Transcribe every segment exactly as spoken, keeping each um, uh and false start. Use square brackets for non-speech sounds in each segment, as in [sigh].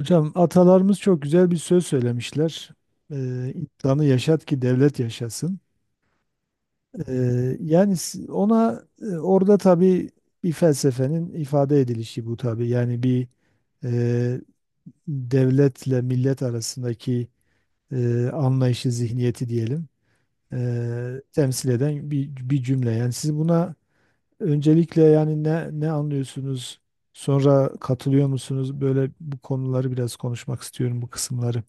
Hocam atalarımız çok güzel bir söz söylemişler. Ee, insanı yaşat ki devlet yaşasın. Ee, yani s- ona e, orada tabii bir felsefenin ifade edilişi bu tabii. Yani bir e, devletle millet arasındaki e, anlayışı, zihniyeti diyelim, e, temsil eden bir, bir cümle. Yani siz buna öncelikle yani ne, ne anlıyorsunuz? Sonra katılıyor musunuz? Böyle bu konuları biraz konuşmak istiyorum bu kısımları.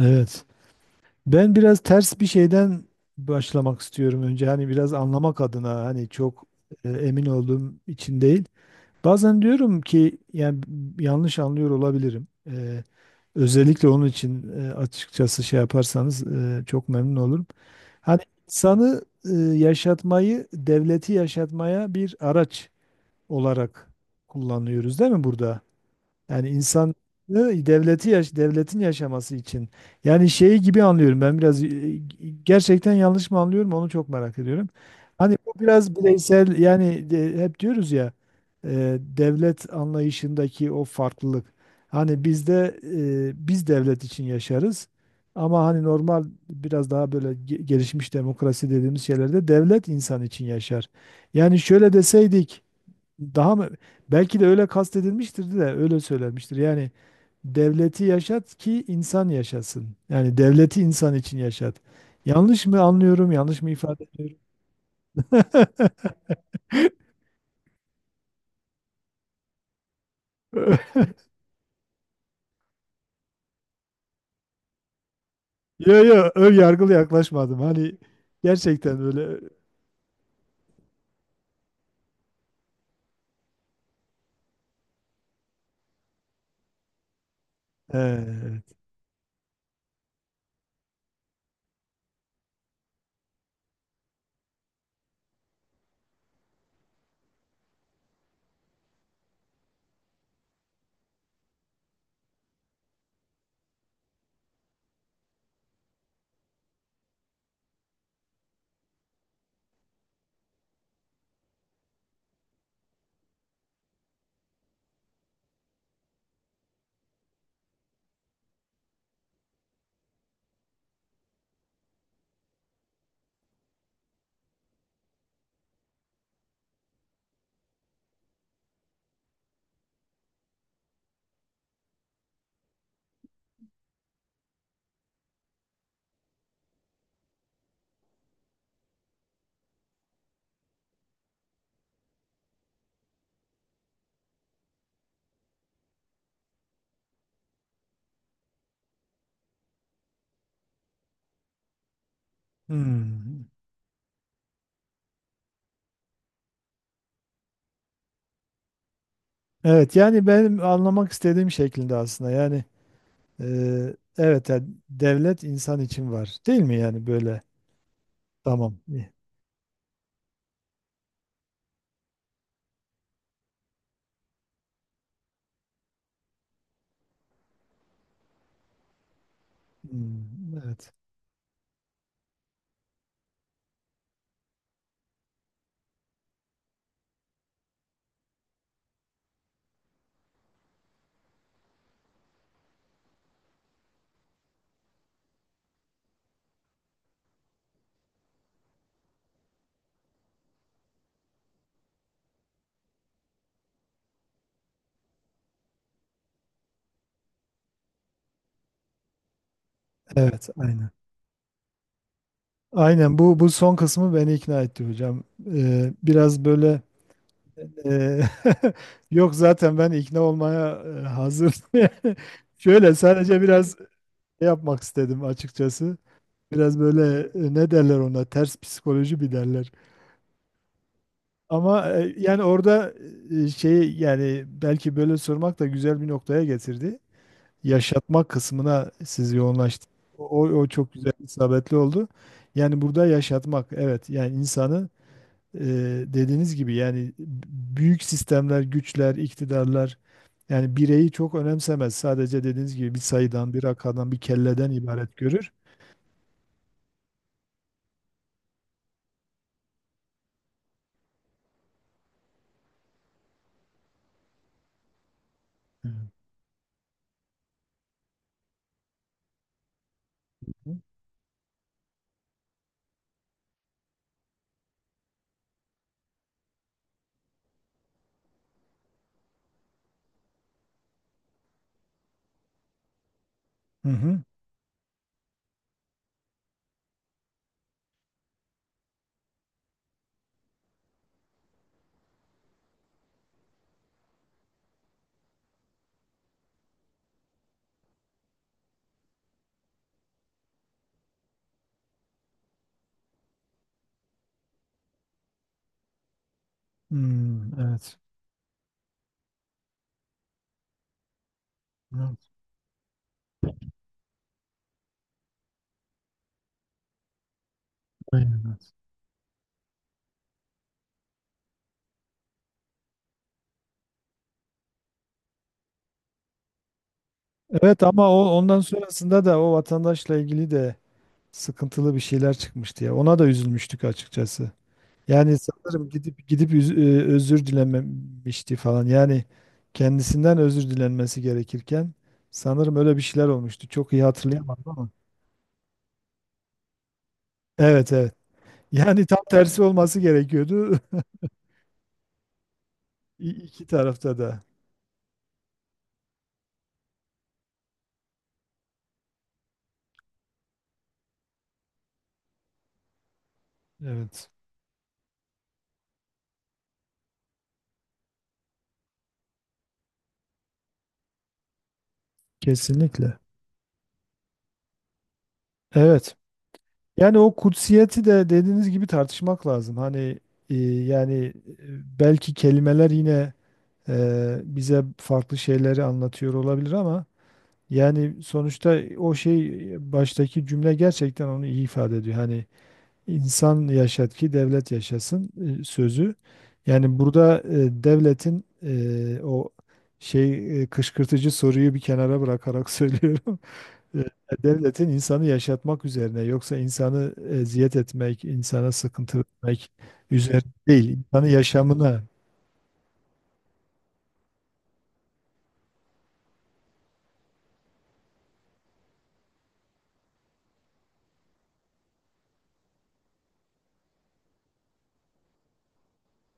Evet. Ben biraz ters bir şeyden başlamak istiyorum önce. Hani biraz anlamak adına hani çok e, emin olduğum için değil. Bazen diyorum ki yani yanlış anlıyor olabilirim. E, özellikle onun için e, açıkçası şey yaparsanız e, çok memnun olurum. Hani insanı e, yaşatmayı, devleti yaşatmaya bir araç olarak kullanıyoruz değil mi burada? Yani insan devleti yaş Devletin yaşaması için. Yani şeyi gibi anlıyorum ben biraz, e, gerçekten yanlış mı anlıyorum onu çok merak ediyorum. Hani bu biraz bireysel yani de- hep diyoruz ya, e, devlet anlayışındaki o farklılık. Hani bizde e, biz devlet için yaşarız ama hani normal biraz daha böyle ge- gelişmiş demokrasi dediğimiz şeylerde devlet insan için yaşar. Yani şöyle deseydik daha mı? Belki de öyle kastedilmiştir de öyle söylenmiştir. Yani devleti yaşat ki insan yaşasın. Yani devleti insan için yaşat. Yanlış mı anlıyorum? Yanlış mı ifade ediyorum? [laughs] Yo yo, ön yargılı yaklaşmadım. Hani gerçekten öyle. Evet. Hmm. Evet yani benim anlamak istediğim şeklinde aslında. Yani e, evet yani devlet insan için var. Değil mi yani böyle? Tamam. Hmm. Evet. Evet aynen. Aynen bu bu son kısmı beni ikna etti hocam. Ee, biraz böyle e, [laughs] Yok zaten ben ikna olmaya e, hazır. [laughs] Yani şöyle sadece biraz şey yapmak istedim açıkçası. Biraz böyle e, ne derler ona, ters psikoloji bir derler. Ama e, yani orada e, şey, yani belki böyle sormak da güzel bir noktaya getirdi. Yaşatmak kısmına siz yoğunlaştınız. O, o o çok güzel, isabetli oldu. Yani burada yaşatmak, evet, yani insanı, e, dediğiniz gibi yani büyük sistemler, güçler, iktidarlar yani bireyi çok önemsemez. Sadece dediğiniz gibi bir sayıdan, bir rakamdan, bir kelleden ibaret görür. Hı hı. Hı hı. Hmm, evet. Evet, aynen evet. Evet ama o ondan sonrasında da o vatandaşla ilgili de sıkıntılı bir şeyler çıkmıştı ya. Ona da üzülmüştük açıkçası. Yani sanırım gidip gidip üz- e, özür dilememişti falan. Yani kendisinden özür dilenmesi gerekirken sanırım öyle bir şeyler olmuştu. Çok iyi hatırlayamadım ama. Evet evet. Yani tam tersi olması gerekiyordu. [laughs] İ- iki tarafta da. Evet. Kesinlikle. Evet. Yani o kutsiyeti de dediğiniz gibi tartışmak lazım. Hani, e, yani e, belki kelimeler yine e, bize farklı şeyleri anlatıyor olabilir ama yani sonuçta o şey, e, baştaki cümle gerçekten onu iyi ifade ediyor. Hani insan yaşat ki devlet yaşasın e, sözü. Yani burada e, devletin, e, o şey, e, kışkırtıcı soruyu bir kenara bırakarak [laughs] söylüyorum. E, Devletin insanı yaşatmak üzerine, yoksa insanı eziyet etmek, insana sıkıntı vermek üzerine değil, İnsanı yaşamına.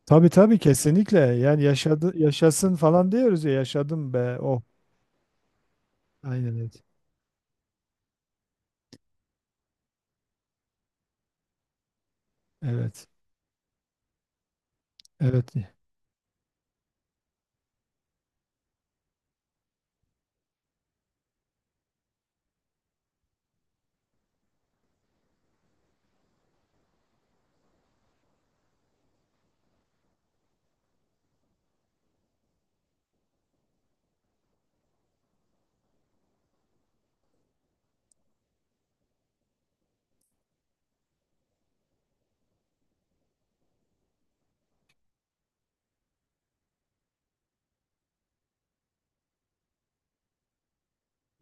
Tabii tabii kesinlikle. Yani yaşadı, yaşasın falan diyoruz ya, yaşadım be. Oh, aynen öyle. Evet, evet,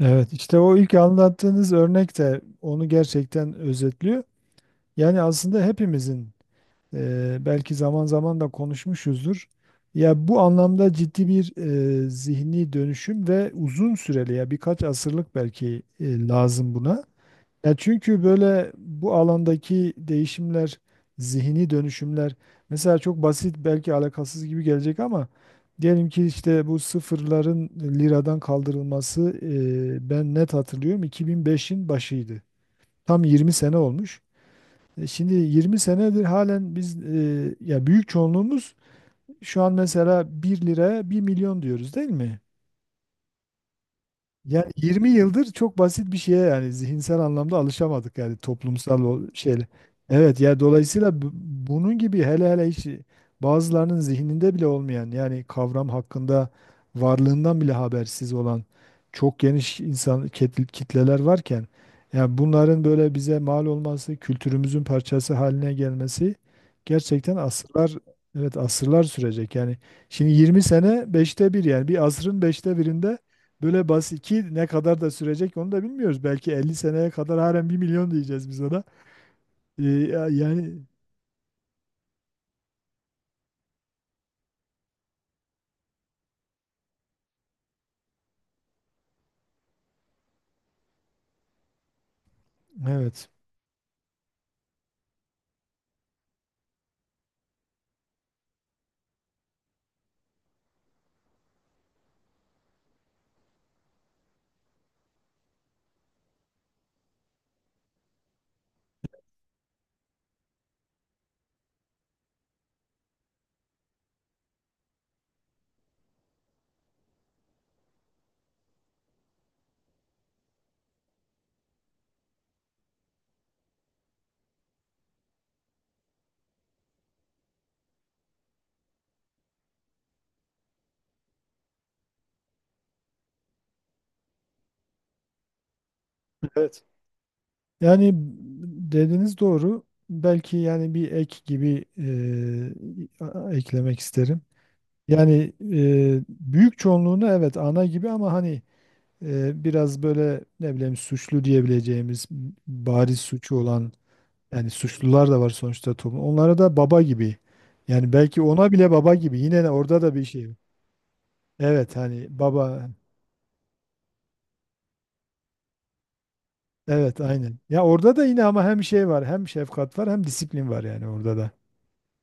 evet. İşte o ilk anlattığınız örnek de onu gerçekten özetliyor. Yani aslında hepimizin, e, belki zaman zaman da konuşmuşuzdur. Ya bu anlamda ciddi bir e, zihni dönüşüm ve uzun süreli, ya birkaç asırlık belki, e, lazım buna. Ya çünkü böyle bu alandaki değişimler, zihni dönüşümler mesela çok basit, belki alakasız gibi gelecek ama diyelim ki işte bu sıfırların liradan kaldırılması, e, ben net hatırlıyorum, iki bin beşin başıydı. Tam yirmi sene olmuş. E, Şimdi yirmi senedir halen biz, e, ya büyük çoğunluğumuz şu an mesela bir liraya bir milyon diyoruz değil mi? Yani yirmi yıldır çok basit bir şeye yani zihinsel anlamda alışamadık, yani toplumsal o şeyle. Evet ya dolayısıyla bu- bunun gibi, hele hele hiç bazılarının zihninde bile olmayan yani kavram hakkında, varlığından bile habersiz olan çok geniş insan ket- kitleler varken yani bunların böyle bize mal olması, kültürümüzün parçası haline gelmesi gerçekten asırlar, evet asırlar sürecek. Yani şimdi yirmi sene beşte bir, yani bir asrın beşte birinde. Böyle bas iki ne kadar da sürecek onu da bilmiyoruz. Belki elli seneye kadar halen bir milyon diyeceğiz biz ona. Ee, ya- yani evet. Evet. Yani dediğiniz doğru. Belki yani bir ek gibi, e, a- eklemek isterim. Yani e, büyük çoğunluğunu evet ana gibi, ama hani e, biraz böyle ne bileyim suçlu diyebileceğimiz, bariz suçu olan, yani suçlular da var sonuçta toplum. Onlara da baba gibi. Yani belki ona bile baba gibi. Yine de orada da bir şey. Evet hani baba. Evet aynen. Ya orada da yine ama hem şey var, hem şefkat var, hem disiplin var yani orada da.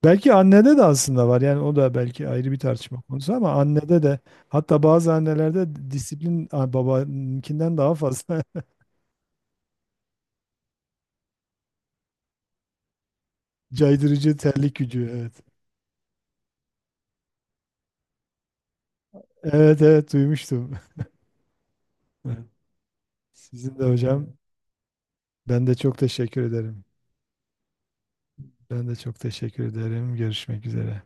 Belki annede de aslında var. Yani o da belki ayrı bir tartışma konusu ama annede de, hatta bazı annelerde disiplin a, babanınkinden daha fazla. [laughs] Caydırıcı terlik gücü. Evet. Evet evet duymuştum. [laughs] Evet. Sizin de hocam. Ben de çok teşekkür ederim. Ben de çok teşekkür ederim. Görüşmek üzere.